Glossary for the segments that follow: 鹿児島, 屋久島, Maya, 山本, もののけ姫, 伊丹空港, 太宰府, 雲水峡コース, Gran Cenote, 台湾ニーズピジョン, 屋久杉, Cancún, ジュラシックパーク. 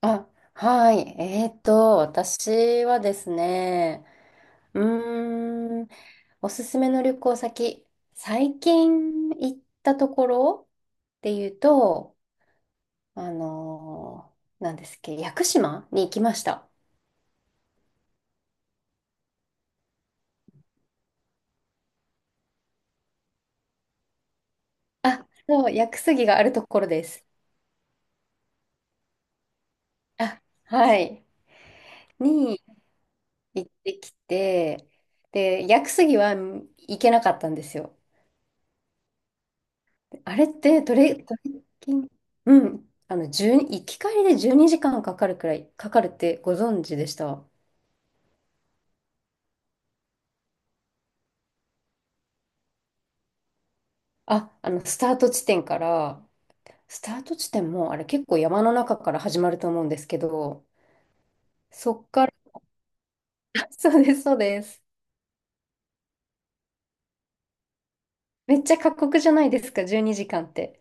あ、はい。私はですね、うーん、おすすめの旅行先、最近行ったところっていうと、あのなんですっけ、屋久島に行きました。あ、そう、屋久杉があるところです。あ、はい。に行ってきて、で、屋久杉は行けなかったんですよ。あれってトレッキング、うん、1行き帰りで12時間かんかかるくらい、かかるってご存知でした？あ、スタート地点から、スタート地点も、あれ結構山の中から始まると思うんですけど、そっから、そうです、そうです。めっちゃ過酷じゃないですか、12時間って。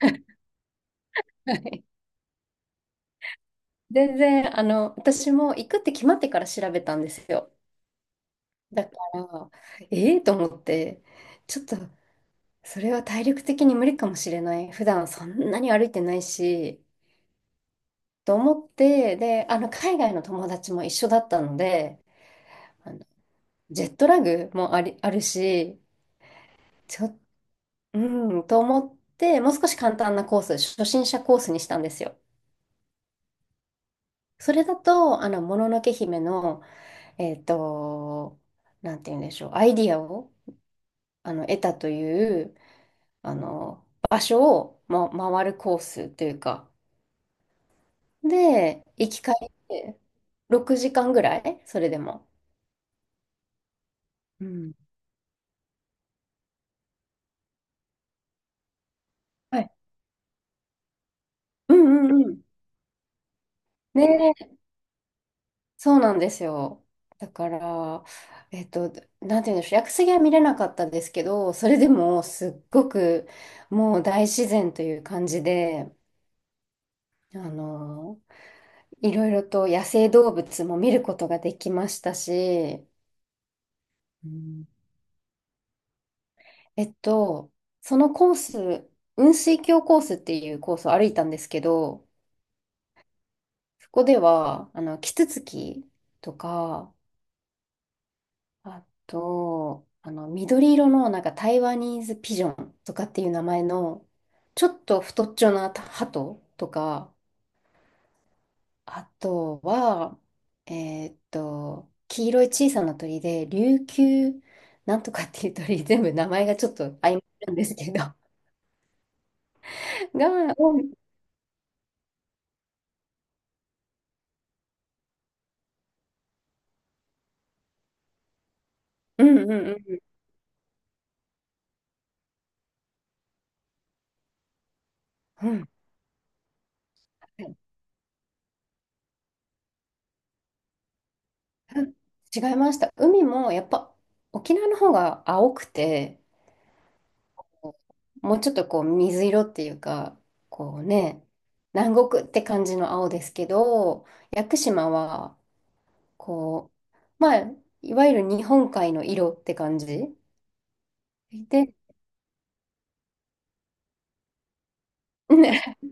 はい。全然、私も行くって決まってから調べたんですよ。だから、ええと思って、ちょっとそれは体力的に無理かもしれない。普段そんなに歩いてないし、と思って、で、海外の友達も一緒だったので、あの、ジェットラグもあるし、ちょ、うん、と思って、もう少し簡単なコース、初心者コースにしたんですよ。それだと、もののけ姫の、えっと、なんて言うんでしょう、アイディアを、得たという、場所を、ま、回るコースというか、で、行き帰りで6時間ぐらいそれでも。うん。はい。うんうんうん。ねえ、そうなんですよ。だから、えっと、なんて言うんでしょう、屋久杉は見れなかったですけど、それでもすっごくもう大自然という感じで、あの、いろいろと野生動物も見ることができましたし、うん。えっと、そのコース、雲水峡コースっていうコースを歩いたんですけど、そこでは、キツツキとか、あと、緑色の、なんか台湾ニーズピジョンとかっていう名前の、ちょっと太っちょな鳩とか、あとは、黄色い小さな鳥で、琉球なんとかっていう鳥、全部名前がちょっと曖昧なんですけど、が、うんうんうんうん。うん。違いました。海もやっぱ沖縄の方が青くて、もうちょっとこう水色っていうか、こうね、南国って感じの青ですけど、屋久島は、こう、まあ、いわゆる日本海の色って感じで、ね、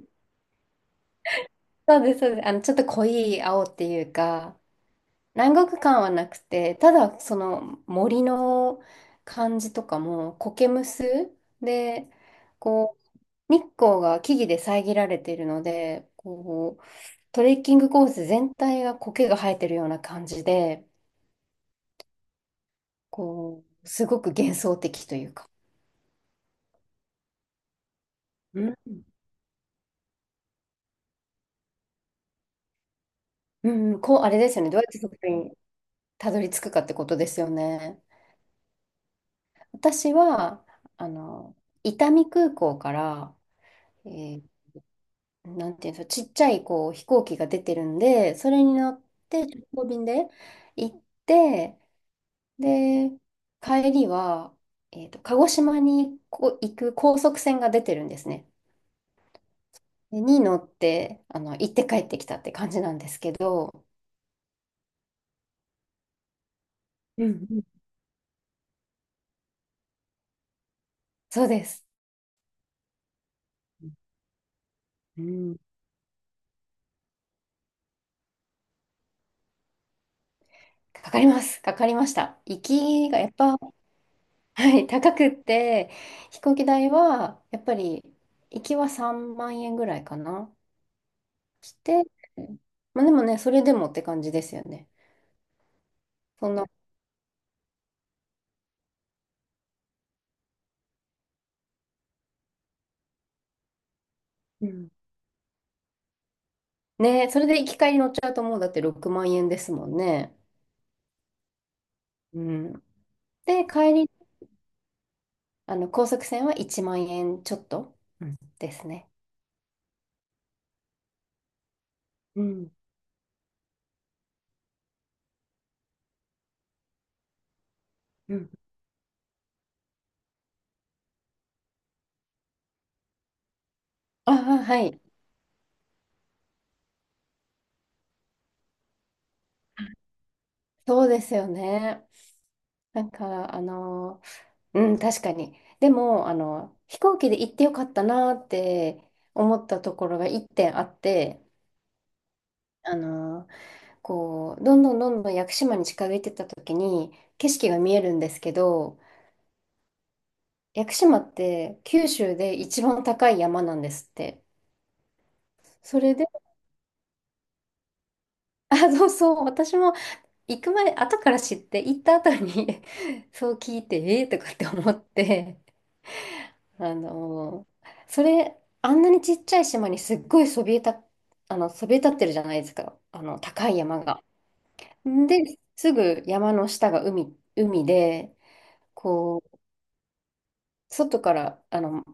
そうです、そうです。ちょっと濃い青っていうか、南国感はなくて、ただその森の感じとかも、苔むすで、こう、日光が木々で遮られているので、こう、トレッキングコース全体が苔が生えてるような感じで、こう、すごく幻想的というか。うんうん、こう、あれですよね。どうやってそこにたどり着くかってことですよね。私は、あの、伊丹空港から、えーなんていうんですか、ちっちゃいこう飛行機が出てるんで、それに乗って直行便で行って、で、帰りは、鹿児島に行く高速船が出てるんですね。でに乗って、行って帰ってきたって感じなんですけど、うんうん。そうです。うん。かかります。かかりました。行きがやっぱ、はい、高くって、飛行機代は、やっぱり、行きは3万円ぐらいかな。して、まあでもね、それでもって感じですよね。そんな、うんね、それで行き帰り乗っちゃうともうだって6万円ですもんね。うん。で、帰り、高速船は1万円ちょっと、うんですね。うん。うん。ああ、はい。そうですよね。なんか、うん、確かに。でも、飛行機で行ってよかったなって思ったところが1点あって、あの、こう、どんどんどんどん屋久島に近づいてった時に、景色が見えるんですけど、屋久島って九州で一番高い山なんですって。それで、あ、そうそう、私も行く前、後から知って、行った後に そう聞いて、ええーとかって思って、あのそれ、あんなにちっちゃい島にすっごいそびえた、そびえ立ってるじゃないですか、高い山が。で、すぐ山の下が海、海で、こう、外から、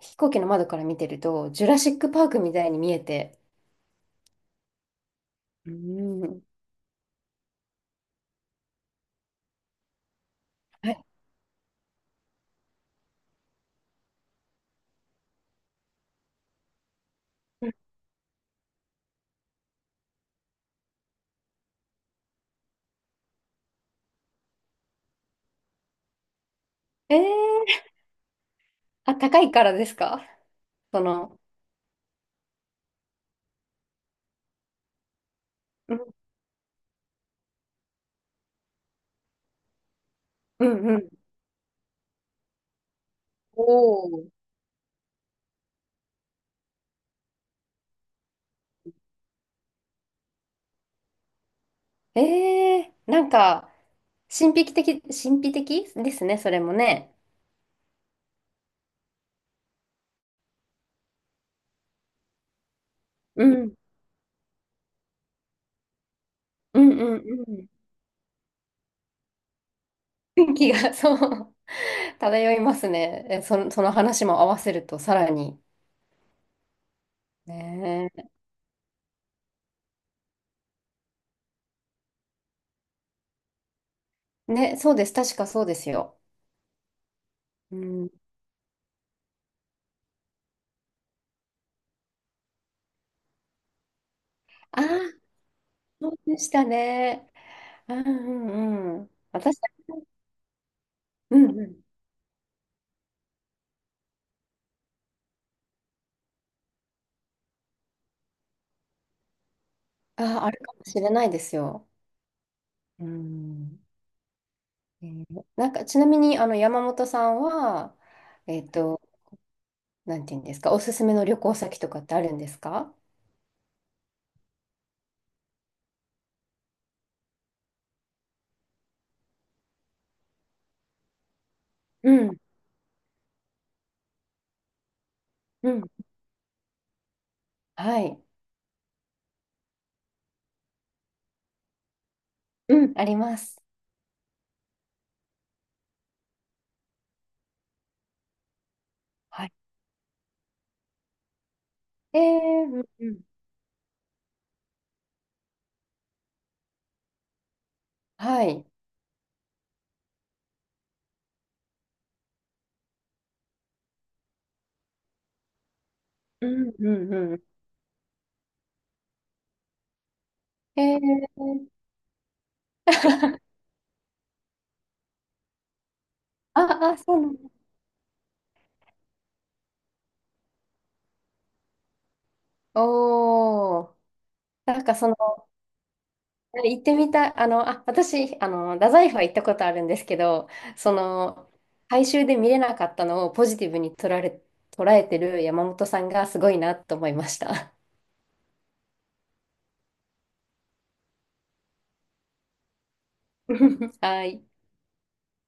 飛行機の窓から見てると、ジュラシックパークみたいに見えて、うん。はい。えー。あ、高いからですか？その、うん、うん、うん。おー。ええ、なんか、神秘的、神秘的ですね、それもね。うん、うん、うん、うん。雰囲気が、そう、漂いますね。え、その話も合わせると、さらに。ねえ、ね、そうです。確かそうですよ。うん。ああ、そうでしたね。うんうんうん。私、うんうん。ああ、あるかもしれないですよ。うん。えーなんか、ちなみに、山本さんは、えっと、なんていうんですか、おすすめの旅行先とかってあるんですか？うん、うん、はい、うん。あります。はい。えー、うん、うん、はい。うん、うんうん。えー、あ、あ、そうなんだ。おー、なんかその、行ってみたい、あ、私、太宰府は行ったことあるんですけど、その、改修で見れなかったのをポジティブに捉えてる山本さんがすごいなと思いました。はい。